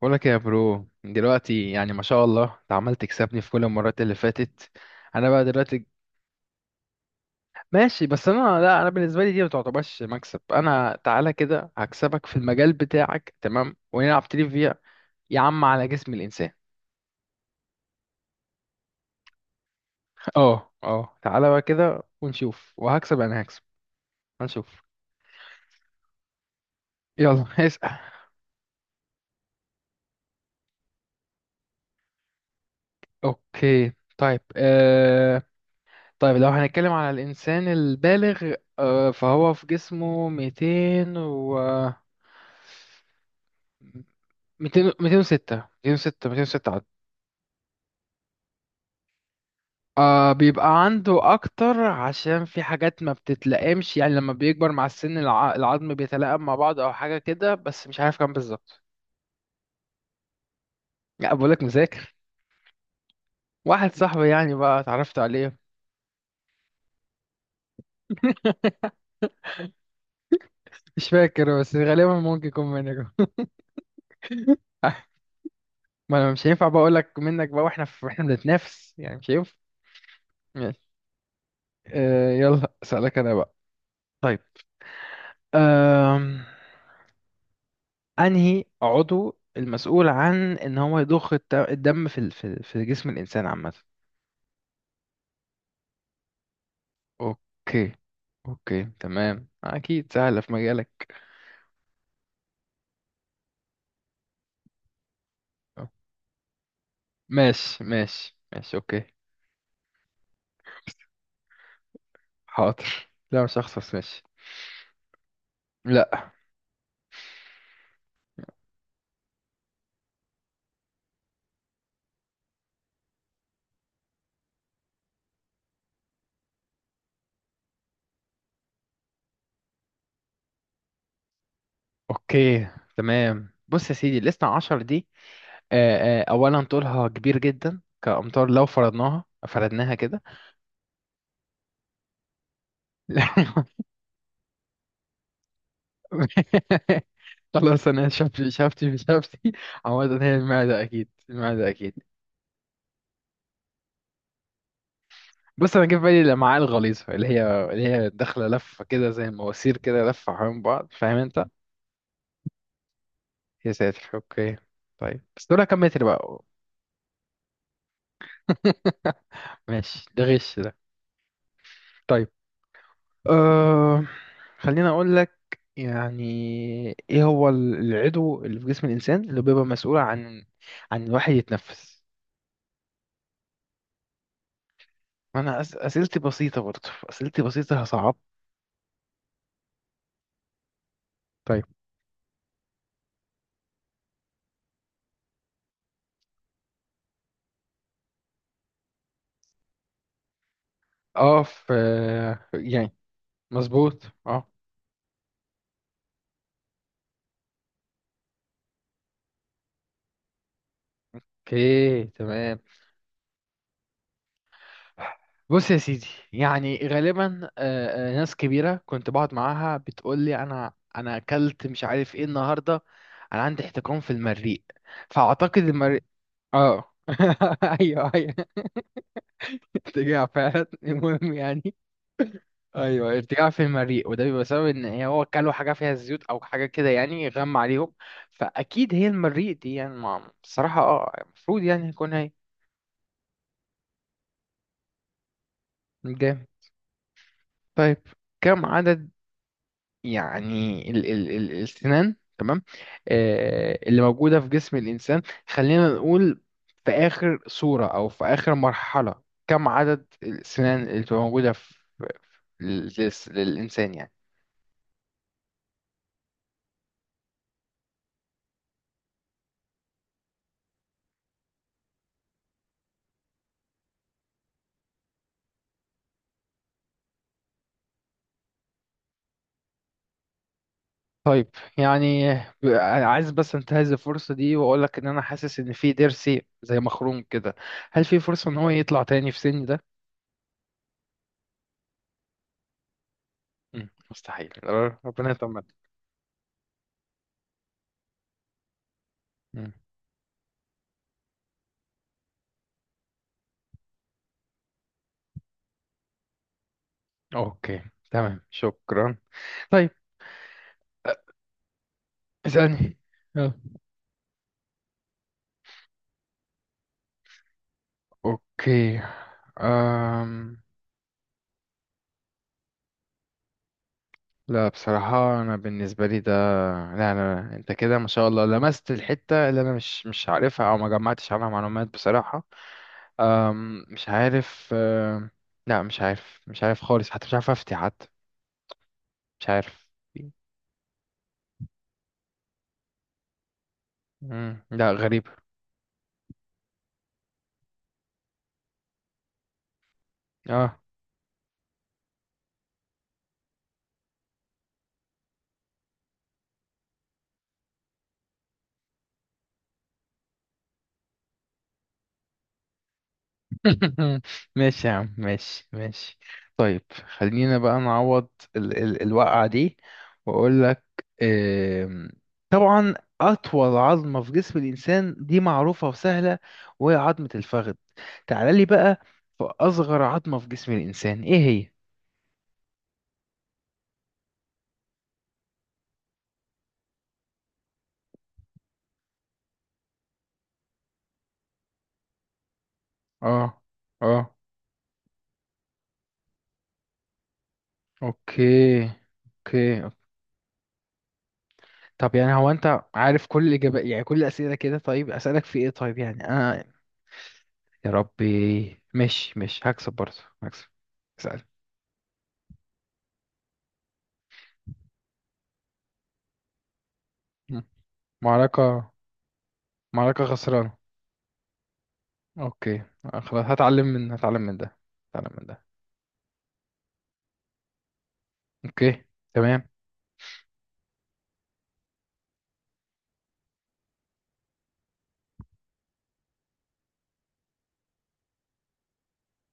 بقولك يا برو دلوقتي يعني ما شاء الله انت عمال تكسبني في كل المرات اللي فاتت. انا بقى دلوقتي ماشي. بس انا بالنسبه لي دي ما تعتبرش مكسب. انا تعالى كده هكسبك في المجال بتاعك، تمام، ونلعب تريفيا يا عم على جسم الانسان. اه اه، تعالى بقى كده ونشوف، وهكسب انا، هكسب، هنشوف. يلا اسأل. اوكي طيب طيب لو هنتكلم على الانسان البالغ، فهو في جسمه 200 و 200 206 206 عدد. آه، بيبقى عنده اكتر عشان في حاجات ما بتتلائمش، يعني لما بيكبر مع السن العظم بيتلائم مع بعض او حاجه كده، بس مش عارف كام بالظبط. لا بقولك مذاكر. واحد صاحبي يعني بقى اتعرفت عليه. مش فاكر، بس غالبا ممكن يكون منك. ما انا مش هينفع بقى اقولك منك بقى، واحنا واحنا بنتنافس يعني، مش هينفع. ماشي. آه يلا اسالك انا بقى. طيب آه. انهي عضو المسؤول عن ان هو يضخ الدم في في في جسم الانسان عامه. اوكي، اوكي تمام، اكيد سهله في مجالك. أه. ماشي ماشي ماشي، اوكي. حاضر، لا مش هخسر، ماشي. لا. اوكي تمام، بص يا سيدي، الاثنى عشر دي، اولا طولها كبير جدا، كامتار لو فرضناها كده. لا. خلاص انا شفت، شفتي شفتي. عامة هي المعدة اكيد، المعدة اكيد. بص انا جه في بالي الامعاء الغليظه اللي هي داخله لفه كده زي المواسير كده لفه حوالين بعض، فاهم انت. يا ساتر، اوكي. طيب بس دول كم متر بقى؟ ماشي، ده غش ده. طيب أه... خليني اقول لك يعني، ايه هو العضو اللي في جسم الانسان اللي بيبقى مسؤول عن، عن الواحد يتنفس؟ انا اسئلتي بسيطه برضه، اسئلتي بسيطه، هصعب. طيب اه. في يعني، مظبوط اه. اوكي تمام، بص يا سيدي، يعني غالبا ناس كبيرة كنت بقعد معاها بتقول لي أنا أكلت مش عارف إيه النهاردة، أنا عندي احتقان في المريء، فأعتقد المريء. آه أيوه أيوه، ارتجاع فعلا، المهم يعني. أيوه ارتجاع في المريء، وده بيبقى بسبب إن هو أكلوا حاجة فيها زيوت أو حاجة كده يعني غم عليهم، فأكيد هي المريء دي يعني، بصراحة آه، المفروض يعني يكون هي. جامد. طيب كم عدد، يعني ال السنان، تمام، آه، اللي موجودة في جسم الإنسان، خلينا نقول في آخر صورة أو في آخر مرحلة، كم عدد السنان اللي بتبقى موجودة للإنسان يعني. طيب يعني ب- عايز بس انتهز الفرصة دي وأقول لك إن أنا حاسس إن في ضرسي زي مخروم كده، هل في فرصة إن هو يطلع تاني في سني ده؟ مم، مستحيل. ربنا يطمن. مم، أوكي تمام، شكرا. طيب اسألني. اوكي أم... لا بصراحة، أنا بالنسبة لي ده، لا أنا أنت كده ما شاء الله لمست الحتة اللي أنا مش عارفها، أو ما جمعتش عنها معلومات بصراحة. مش عارف، لا مش عارف، مش عارف خالص، حتى مش عارف أفتي حتى، مش عارف. مم. لا غريب. اه. ماشي يا عم، ماشي ماشي. طيب خلينا بقى نعوض ال الوقعة دي، وأقول لك، آم، طبعا أطول عظمة في جسم الإنسان دي معروفة وسهلة، وهي عظمة الفخذ. تعال لي بقى. في أصغر عظمة في جسم الإنسان إيه هي؟ آه. آه. أوكي. أوكي أوكي. طب يعني هو أنت عارف كل الإجابات يعني، كل الأسئلة كده؟ طيب أسألك في إيه؟ طيب يعني أنا يا ربي مش هكسب برضه. هكسب. اسأل. مم. معركة، معركة خسرانة. اوكي خلاص، هتعلم من ده. هتعلم من ده. اوكي تمام.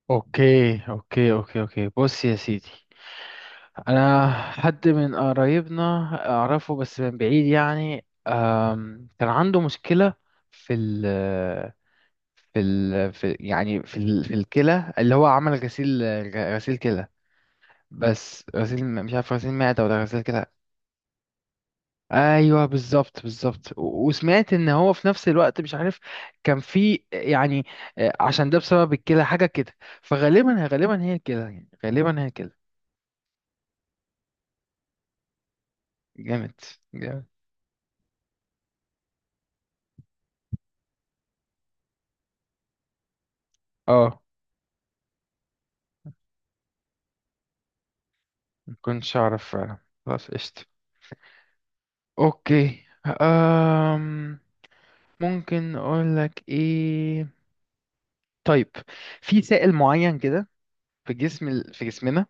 اوكي اوكي اوكي اوكي، بص يا سيدي، انا حد من قرايبنا اعرفه بس من بعيد يعني، أم، كان عنده مشكلة في ال في في الكلى اللي هو عمل غسيل، غسيل كلى، بس غسيل، مش عارف غسيل معدة ولا غسيل كلى. ايوه بالظبط، بالظبط، وسمعت ان هو في نفس الوقت مش عارف كان في يعني، آه، عشان ده بسبب الكلى حاجه كده، فغالبا هي الكلى، يعني غالبا هي الكلى. جامد. جامد. اه. ما كنتش اعرف فعلا. خلاص قشطه. اوكي أم. ممكن اقول لك ايه. طيب في سائل معين كده، في جسم في جسمنا،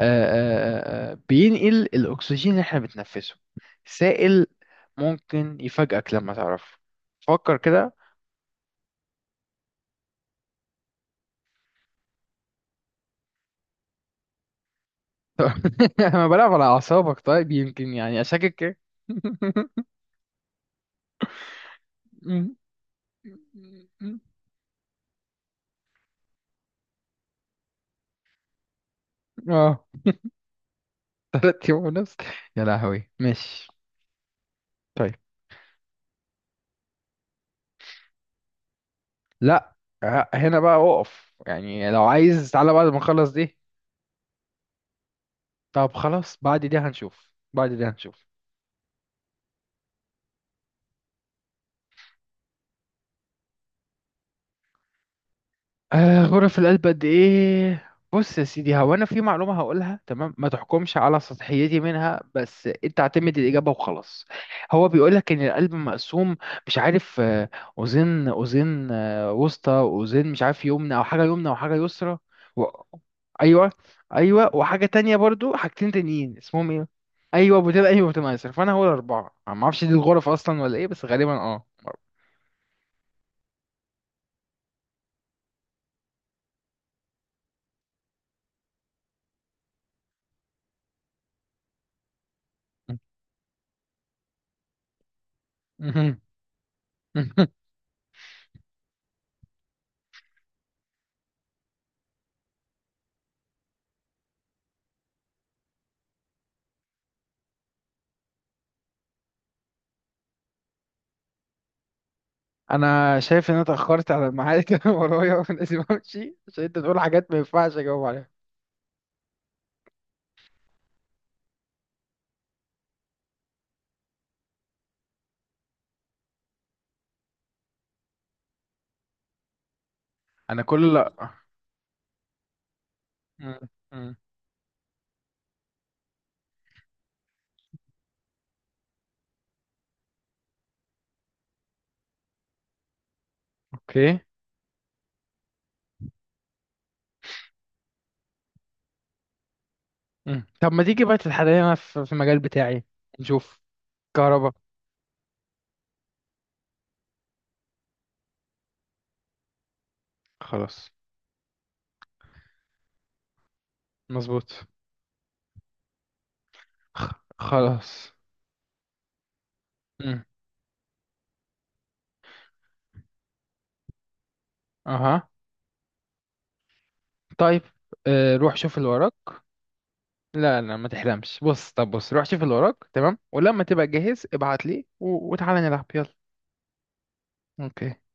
بينقل الأكسجين اللي احنا بنتنفسه، سائل، ممكن يفاجئك لما تعرفه، فكر كده. أنا بلعب على أعصابك طيب، يمكن يعني أشكك كده. اه. تلات يوم ونص، يا لهوي، ماشي. طيب. لا آه، هنا بقى أقف، يعني لو عايز تعالى بعد ما نخلص دي. طب خلاص، بعد دي هنشوف، بعد دي هنشوف. آه غرف القلب قد ايه؟ بص يا سيدي، هو انا في معلومه هقولها تمام، ما تحكمش على سطحيتي منها، بس انت اعتمد الاجابه وخلاص. هو بيقول لك ان القلب مقسوم، مش عارف، آه، اوزان، اوزان، آه، وسطى، اوزان مش عارف، يمنى او حاجه يمنى وحاجه يسرى. و... ايوه. ايوه، وحاجه تانية برضو، حاجتين تانيين اسمهم ايه. ايوه بتبقى، ايوه بتبقى يسرى، فانا هو الاربعه ما اعرفش دي الغرف اصلا ولا ايه، بس غالبا اه. انا شايف ان انا اتاخرت على الميعاد، كان ورايا لازم امشي، عشان انت تقول حاجات ما ينفعش اجاوب عليها. انا كل، لا. مم. مم. اوكي. مم. طب ما تيجي بقى تتحدانا في في المجال بتاعي، نشوف. كهرباء. خلاص. مظبوط. خلاص. مم. اها. طيب آه، روح شوف اللي وراك. لا لا ما تحلمش، بص، طب بص روح شوف اللي وراك تمام، ولما تبقى جاهز ابعت لي وتعالى نلعب، يلا. اوكي.